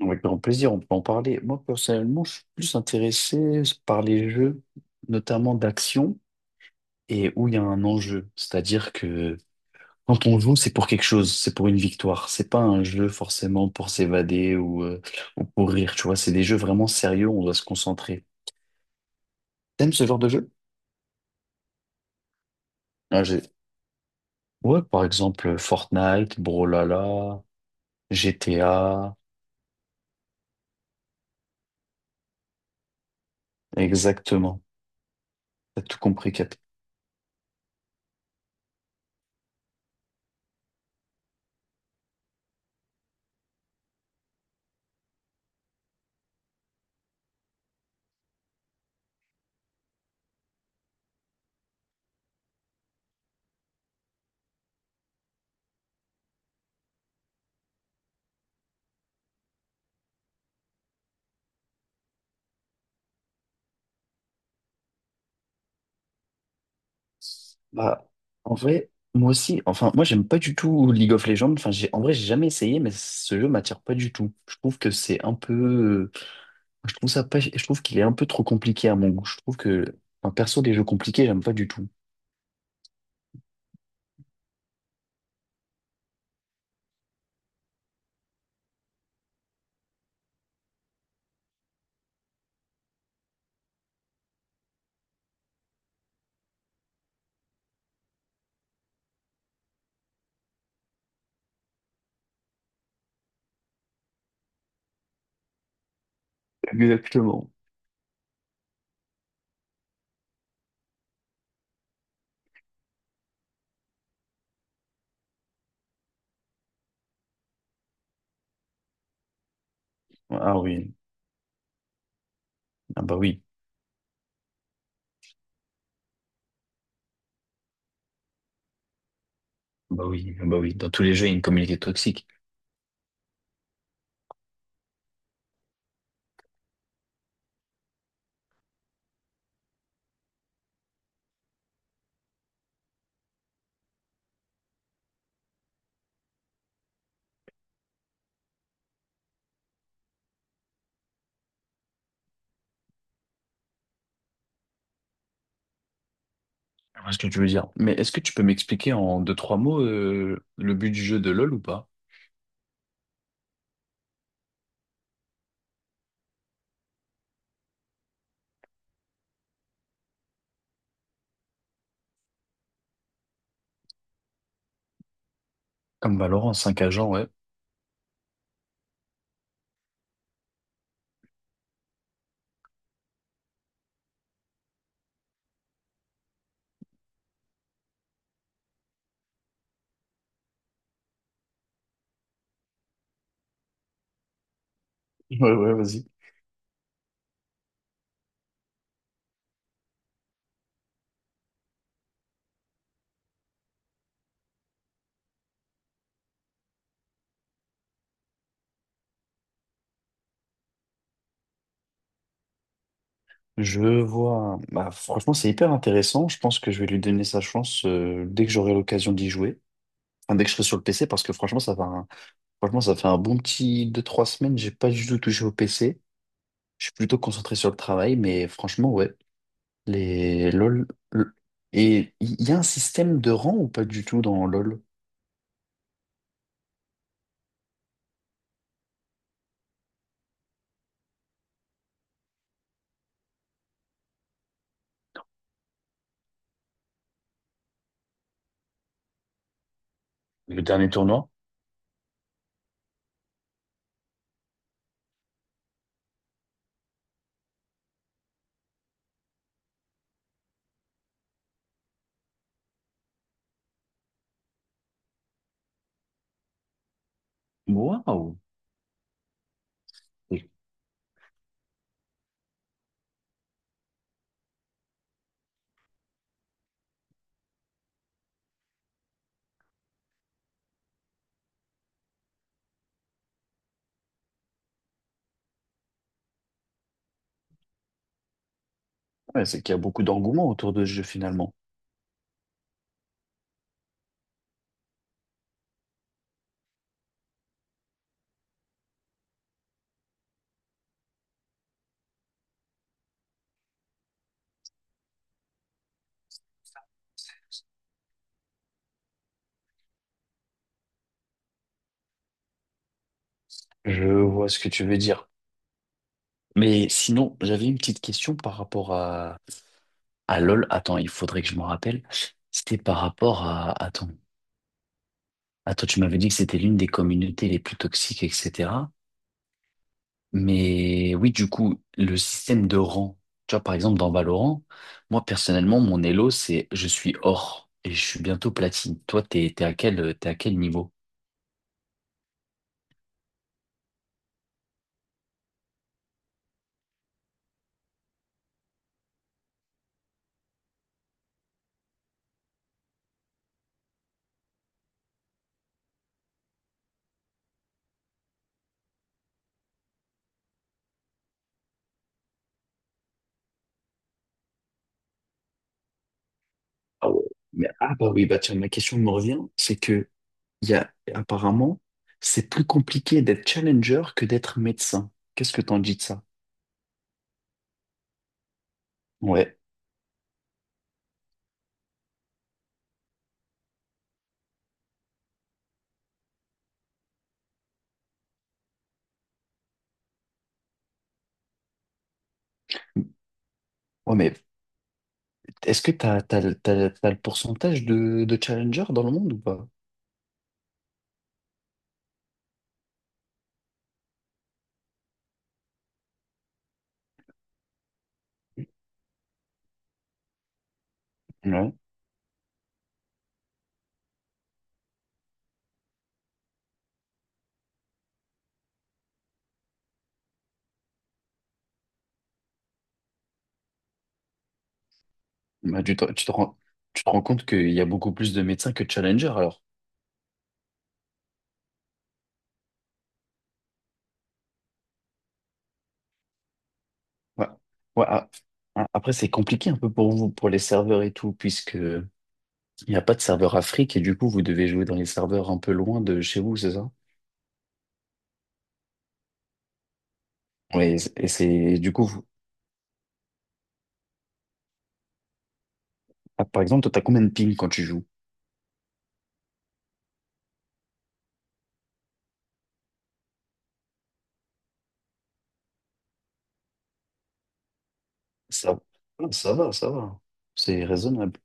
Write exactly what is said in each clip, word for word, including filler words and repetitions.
Avec grand plaisir, on peut en parler. Moi, personnellement, je suis plus intéressé par les jeux, notamment d'action, et où il y a un enjeu. C'est-à-dire que quand on joue, c'est pour quelque chose, c'est pour une victoire. C'est pas un jeu forcément pour s'évader ou, euh, ou pour rire, tu vois. C'est des jeux vraiment sérieux, on doit se concentrer. T'aimes ce genre de jeu? Ah, j'ai- Ouais, par exemple, Fortnite, Brawlhalla, G T A, exactement. T'as tout compris. Bah, en vrai, moi aussi, enfin, moi, j'aime pas du tout League of Legends. Enfin, j'ai, en vrai, j'ai jamais essayé, mais ce jeu m'attire pas du tout. Je trouve que c'est un peu, je trouve ça pas, je trouve qu'il est un peu trop compliqué à mon goût. Je trouve que, enfin, perso, les jeux compliqués, j'aime pas du tout. Exactement. Ah oui, ah bah oui. Bah oui, bah oui, dans tous les jeux, il y a une communauté toxique. Je vois ce que tu veux dire. Mais est-ce que tu peux m'expliquer en deux, trois mots euh, le but du jeu de LoL ou pas? Comme Valorant, cinq agents, ouais. Ouais, ouais, vas-y. Je vois. Bah, franchement, c'est hyper intéressant. Je pense que je vais lui donner sa chance euh, dès que j'aurai l'occasion d'y jouer. Enfin, dès que je serai sur le P C, parce que franchement, ça fait un... franchement, ça fait un bon petit deux trois semaines. J'ai pas du tout touché au P C. Je suis plutôt concentré sur le travail, mais franchement, ouais. Les LOL. l- Et il y a un système de rang ou pas du tout dans LOL? Le dernier tournoi? Waouh! Ouais, c'est qu'il y a beaucoup d'engouement autour de ce jeu finalement. Je vois ce que tu veux dire. Mais sinon, j'avais une petite question par rapport à, à LOL. Attends, il faudrait que je me rappelle. C'était par rapport à... Attends. Attends, tu m'avais dit que c'était l'une des communautés les plus toxiques, et cetera. Mais oui, du coup, le système de rang, tu vois, par exemple, dans Valorant, moi, personnellement, mon elo, c'est je suis or et je suis bientôt platine. Toi, t'es, t'es à quel, t'es à quel niveau? Ah ouais. Mais, ah bah oui, bah tiens, ma question me revient, c'est que il y a apparemment c'est plus compliqué d'être challenger que d'être médecin. Qu'est-ce que t'en dis de ça? Ouais. Ouais, mais est-ce que t'as, t'as, le- t'as, le t'as le pourcentage de, de challenger dans le monde ou pas? Ouais. Bah, tu te, tu te rends, tu te rends compte qu'il y a beaucoup plus de médecins que de challengers, alors. Ouais. Ouais, ah, ah, après, c'est compliqué un peu pour vous, pour les serveurs et tout, puisque il n'y a pas de serveur Afrique et du coup, vous devez jouer dans les serveurs un peu loin de chez vous, c'est ça? Ouais, et c'est et c'est- du coup, vous- ah, par exemple, toi, t'as combien de ping quand tu joues? Ça, ah, ça va, ça va. C'est raisonnable.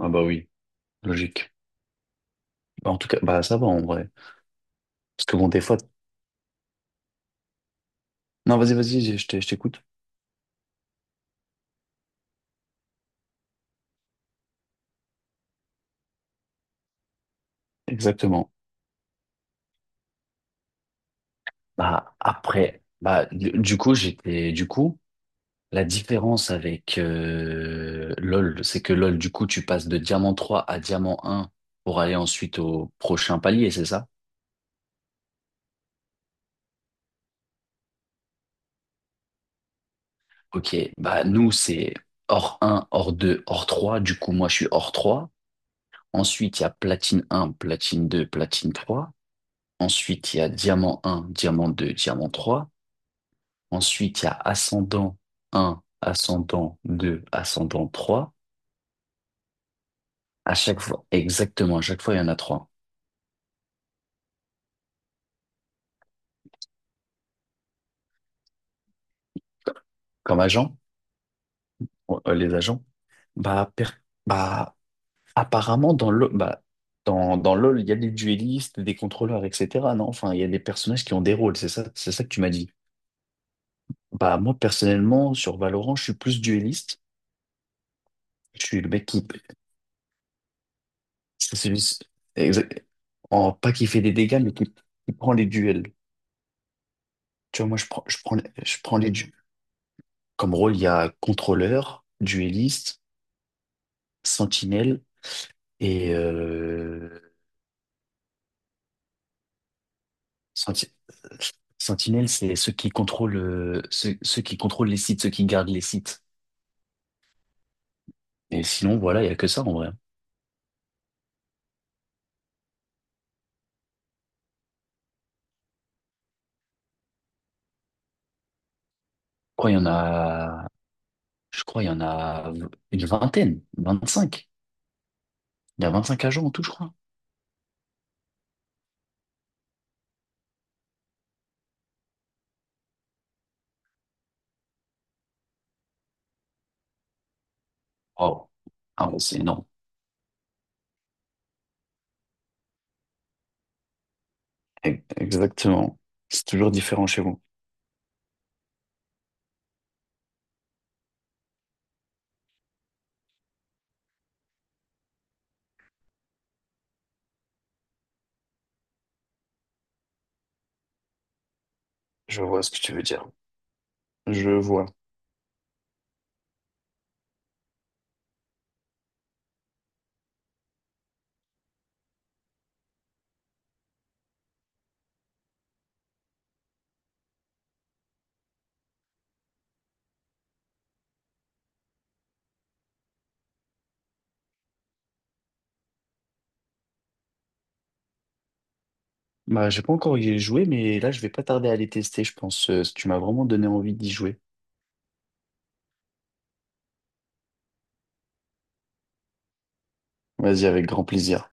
Ah bah oui, logique. Bah, en tout cas, bah ça va en vrai. Parce que bon, des fois... Non, vas-y, vas-y, je je t'ai- je t'écoute. Exactement. Bah après, bah du du coup, j'étais... Du coup... La différence avec euh, LoL, c'est que LoL, du coup, tu passes de diamant trois à diamant un pour aller ensuite au prochain palier, c'est ça? Ok, bah nous, c'est or un, or deux, or trois. Du coup, moi, je suis or trois. Ensuite, il y a platine un, platine deux, platine trois. Ensuite, il y a diamant un, diamant deux, diamant trois. Ensuite, il y a ascendant un, ascendant deux, ascendant trois. À chaque fois, exactement, à chaque fois, il y en a trois. Comme agent? Ouais, euh, les agents? Bah, per- bah apparemment, dans le bah, dans, dans LoL, il y a des duellistes, des contrôleurs, et cetera. Non? Enfin, il y a des personnages qui ont des rôles, c'est ça, c'est ça que tu m'as dit. Bah, moi, personnellement, sur Valorant, je suis plus duelliste. Je suis le mec qui... C'est celui... exact- en- pas qui fait des dégâts, mais qui, qui prend les duels. Tu vois, moi, je prends, je prends, je prends les duels. Comme rôle, il y a contrôleur, duelliste, sentinelle et euh, Senti- Sentinelle, c'est ceux qui contrôlent, euh, ceux, ceux qui contrôlent les sites, ceux qui gardent les sites. Et sinon, voilà, il y a que ça en vrai. Je crois il y en a, je crois il y en a une vingtaine, vingt-cinq. Il y a vingt-cinq agents en tout, je crois. Wow. Ah ouais, c'est énorme. E- Exactement. C'est toujours différent chez vous. Je vois ce que tu veux dire. Je vois. Bah, j'ai pas encore y joué, mais là, je vais pas tarder à les tester, je pense. Euh, Tu m'as vraiment donné envie d'y jouer. Vas-y, avec grand plaisir.